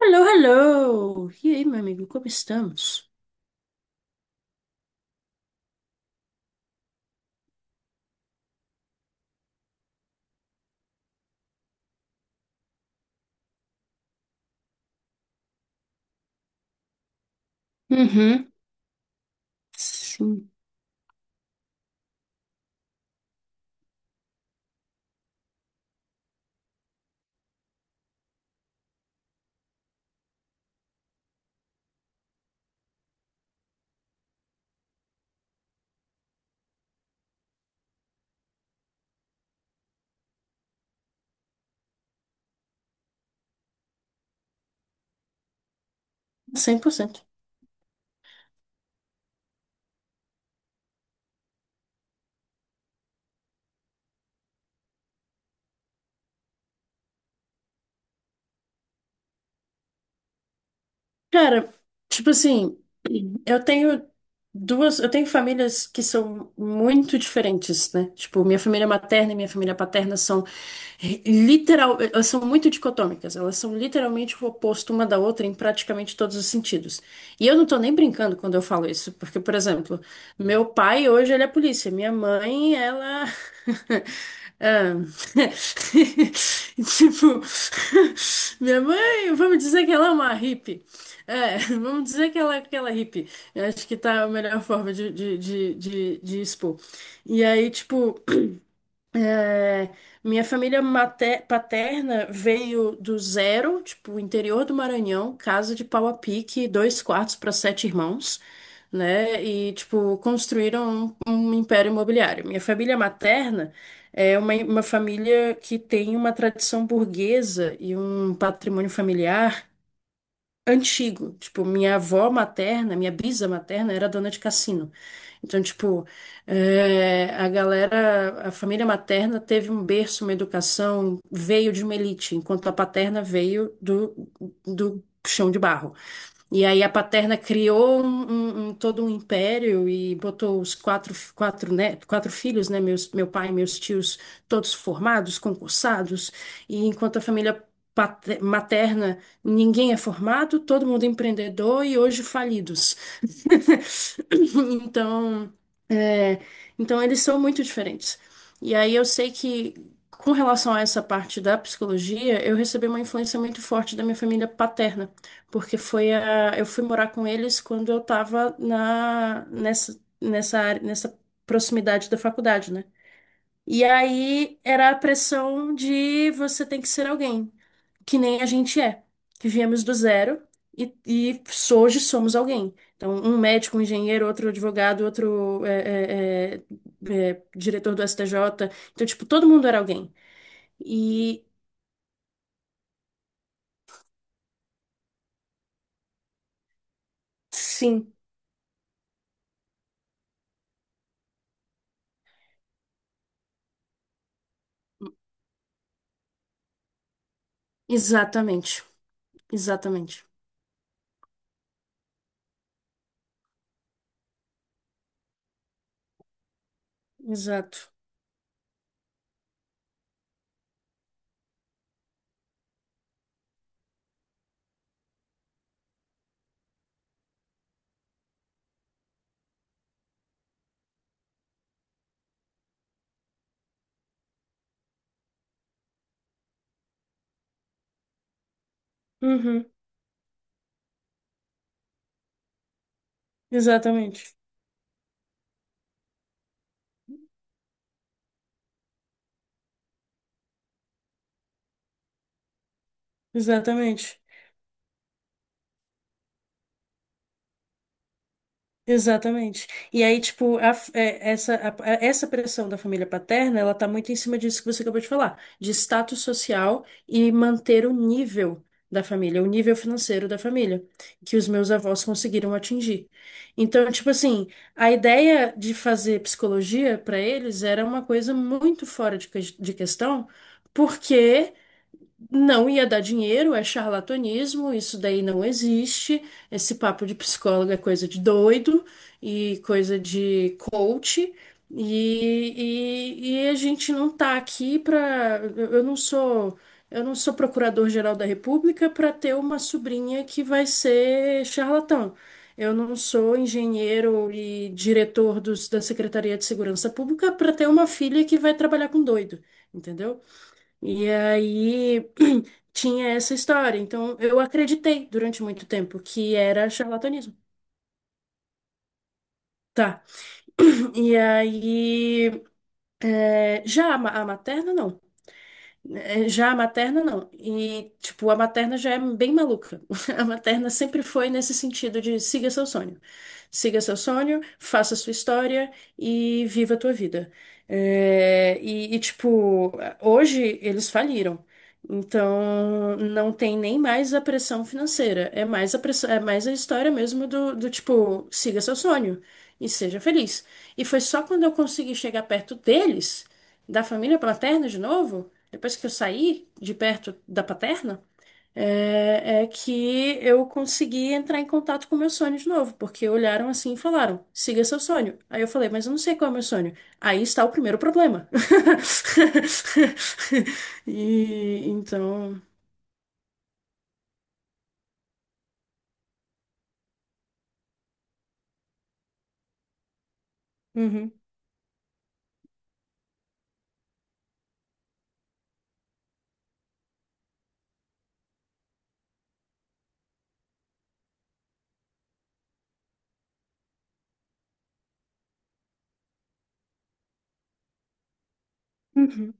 Hello, hello! E aí, meu amigo, como estamos? Uhum, sim. 100%. Cara, tipo assim, Eu tenho eu tenho famílias que são muito diferentes, né? Tipo, minha família materna e minha família paterna elas são muito dicotômicas, elas são literalmente o oposto uma da outra em praticamente todos os sentidos. E eu não tô nem brincando quando eu falo isso, porque, por exemplo, meu pai hoje ele é polícia, minha mãe, ela Ah, Tipo, minha mãe, vamos dizer que ela é uma hippie. É, vamos dizer que ela é aquela hippie. Eu acho que tá a melhor forma de expor. E aí, tipo, é, minha família paterna veio do zero, tipo, interior do Maranhão, casa de pau a pique, dois quartos para sete irmãos, né? E, tipo, construíram um império imobiliário. Minha família materna é uma família que tem uma tradição burguesa e um patrimônio familiar antigo. Tipo, minha avó materna, minha bisa materna era dona de cassino. Então, tipo, a família materna teve um berço, uma educação, veio de uma elite, enquanto a paterna veio do chão de barro. E aí a Paterna criou todo um império e botou os quatro filhos, né, meu pai e meus tios, todos formados, concursados, e enquanto a família materna, ninguém é formado, todo mundo é empreendedor e hoje falidos. Então, é, então eles são muito diferentes. E aí eu sei que com relação a essa parte da psicologia, eu recebi uma influência muito forte da minha família paterna, porque eu fui morar com eles quando eu estava na nessa nessa área, nessa proximidade da faculdade, né? E aí era a pressão de você tem que ser alguém, que nem a gente é, que viemos do zero e hoje somos alguém. Então, um médico, um engenheiro, outro advogado, outro é diretor do STJ. Então, tipo, todo mundo era alguém. E sim, exatamente, exatamente, exato. Uhum, exatamente, exatamente. Exatamente. E aí, tipo, a f- é, essa, a- essa pressão da família paterna, ela tá muito em cima disso que você acabou de falar, de status social e manter o nível da família, o nível financeiro da família, que os meus avós conseguiram atingir. Então, tipo assim, a ideia de fazer psicologia para eles era uma coisa muito fora de questão, porque não ia dar dinheiro, é charlatanismo, isso daí não existe. Esse papo de psicólogo é coisa de doido e coisa de coach. E, e a gente não tá aqui para. Eu não sou procurador-geral da República para ter uma sobrinha que vai ser charlatão. Eu não sou engenheiro e diretor da Secretaria de Segurança Pública para ter uma filha que vai trabalhar com doido, entendeu? E aí tinha essa história. Então, eu acreditei durante muito tempo que era charlatanismo. Tá. E aí, já a materna, não. É, já a materna, não. E, tipo, a materna já é bem maluca. A materna sempre foi nesse sentido de siga seu sonho. Siga seu sonho, faça sua história e viva a tua vida. É, e, e, tipo, Hoje eles faliram. Então, não tem nem mais a pressão financeira. É mais a pressão, é mais a história mesmo do tipo, siga seu sonho e seja feliz. E foi só quando eu consegui chegar perto deles, da família paterna de novo depois que eu saí de perto da paterna, é que eu consegui entrar em contato com o meu sonho de novo, porque olharam assim e falaram: siga seu sonho. Aí eu falei: mas eu não sei qual é o meu sonho. Aí está o primeiro problema. E então. Uhum, uhum.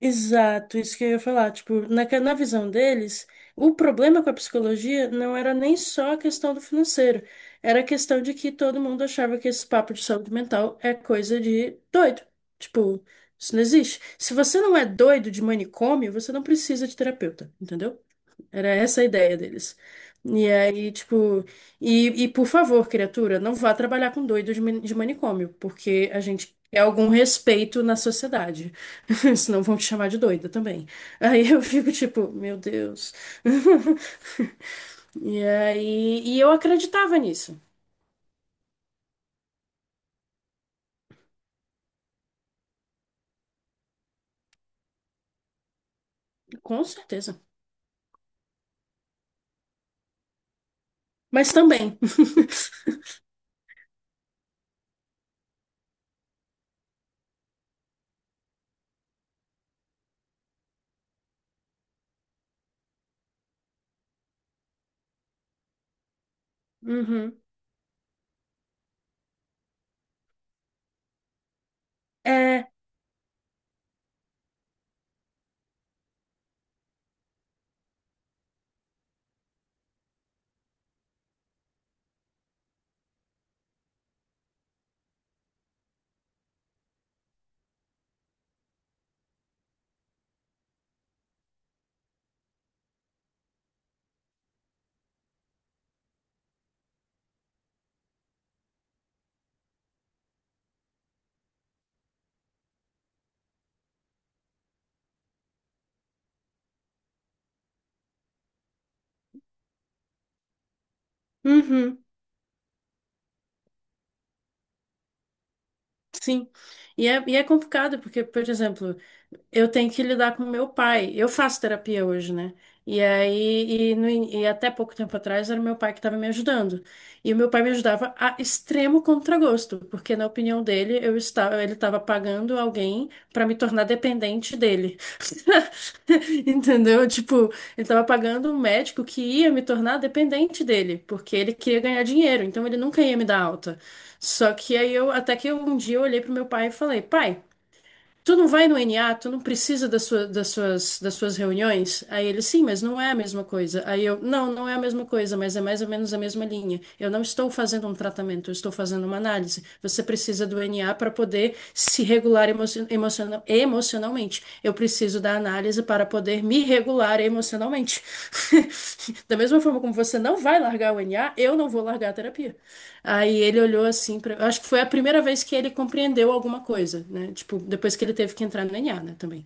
Exato, isso que eu ia falar. Tipo, na visão deles, o problema com a psicologia não era nem só a questão do financeiro, era a questão de que todo mundo achava que esse papo de saúde mental é coisa de doido. Tipo, isso não existe. Se você não é doido de manicômio, você não precisa de terapeuta, entendeu? Era essa a ideia deles. E aí, tipo, e por favor, criatura, não vá trabalhar com doidos de manicômio, porque a gente quer algum respeito na sociedade. Senão vão te chamar de doida também. Aí eu fico tipo, meu Deus. E aí, e eu acreditava nisso, com certeza. Mas também. Uhum. É, uhum, sim. E é complicado, porque, por exemplo. Eu tenho que lidar com meu pai. Eu faço terapia hoje, né? E aí, e, no in- e até pouco tempo atrás, era meu pai que estava me ajudando. E o meu pai me ajudava a extremo contragosto, porque na opinião dele, ele estava pagando alguém para me tornar dependente dele. Entendeu? Tipo, ele estava pagando um médico que ia me tornar dependente dele, porque ele queria ganhar dinheiro, então ele nunca ia me dar alta. Só que aí eu, até que um dia eu olhei pro meu pai e falei, pai. Tu não vai no NA, tu não precisa das suas reuniões? Aí ele, sim, mas não é a mesma coisa. Aí eu, não, não é a mesma coisa, mas é mais ou menos a mesma linha. Eu não estou fazendo um tratamento, eu estou fazendo uma análise. Você precisa do NA para poder se regular emocionalmente. Eu preciso da análise para poder me regular emocionalmente. Da mesma forma como você não vai largar o NA, eu não vou largar a terapia. Aí ele olhou assim pra, eu acho que foi a primeira vez que ele compreendeu alguma coisa, né? Tipo, depois que ele teve que entrar no ENA, né, também.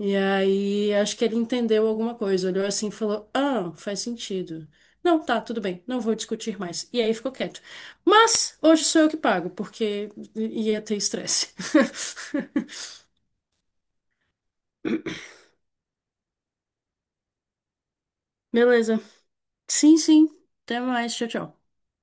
E aí acho que ele entendeu alguma coisa, olhou assim e falou: "Ah, faz sentido. Não, tá, tudo bem, não vou discutir mais". E aí ficou quieto. Mas hoje sou eu que pago, porque ia ter estresse. Beleza. Sim, sim. Até mais. Tchau, tchau.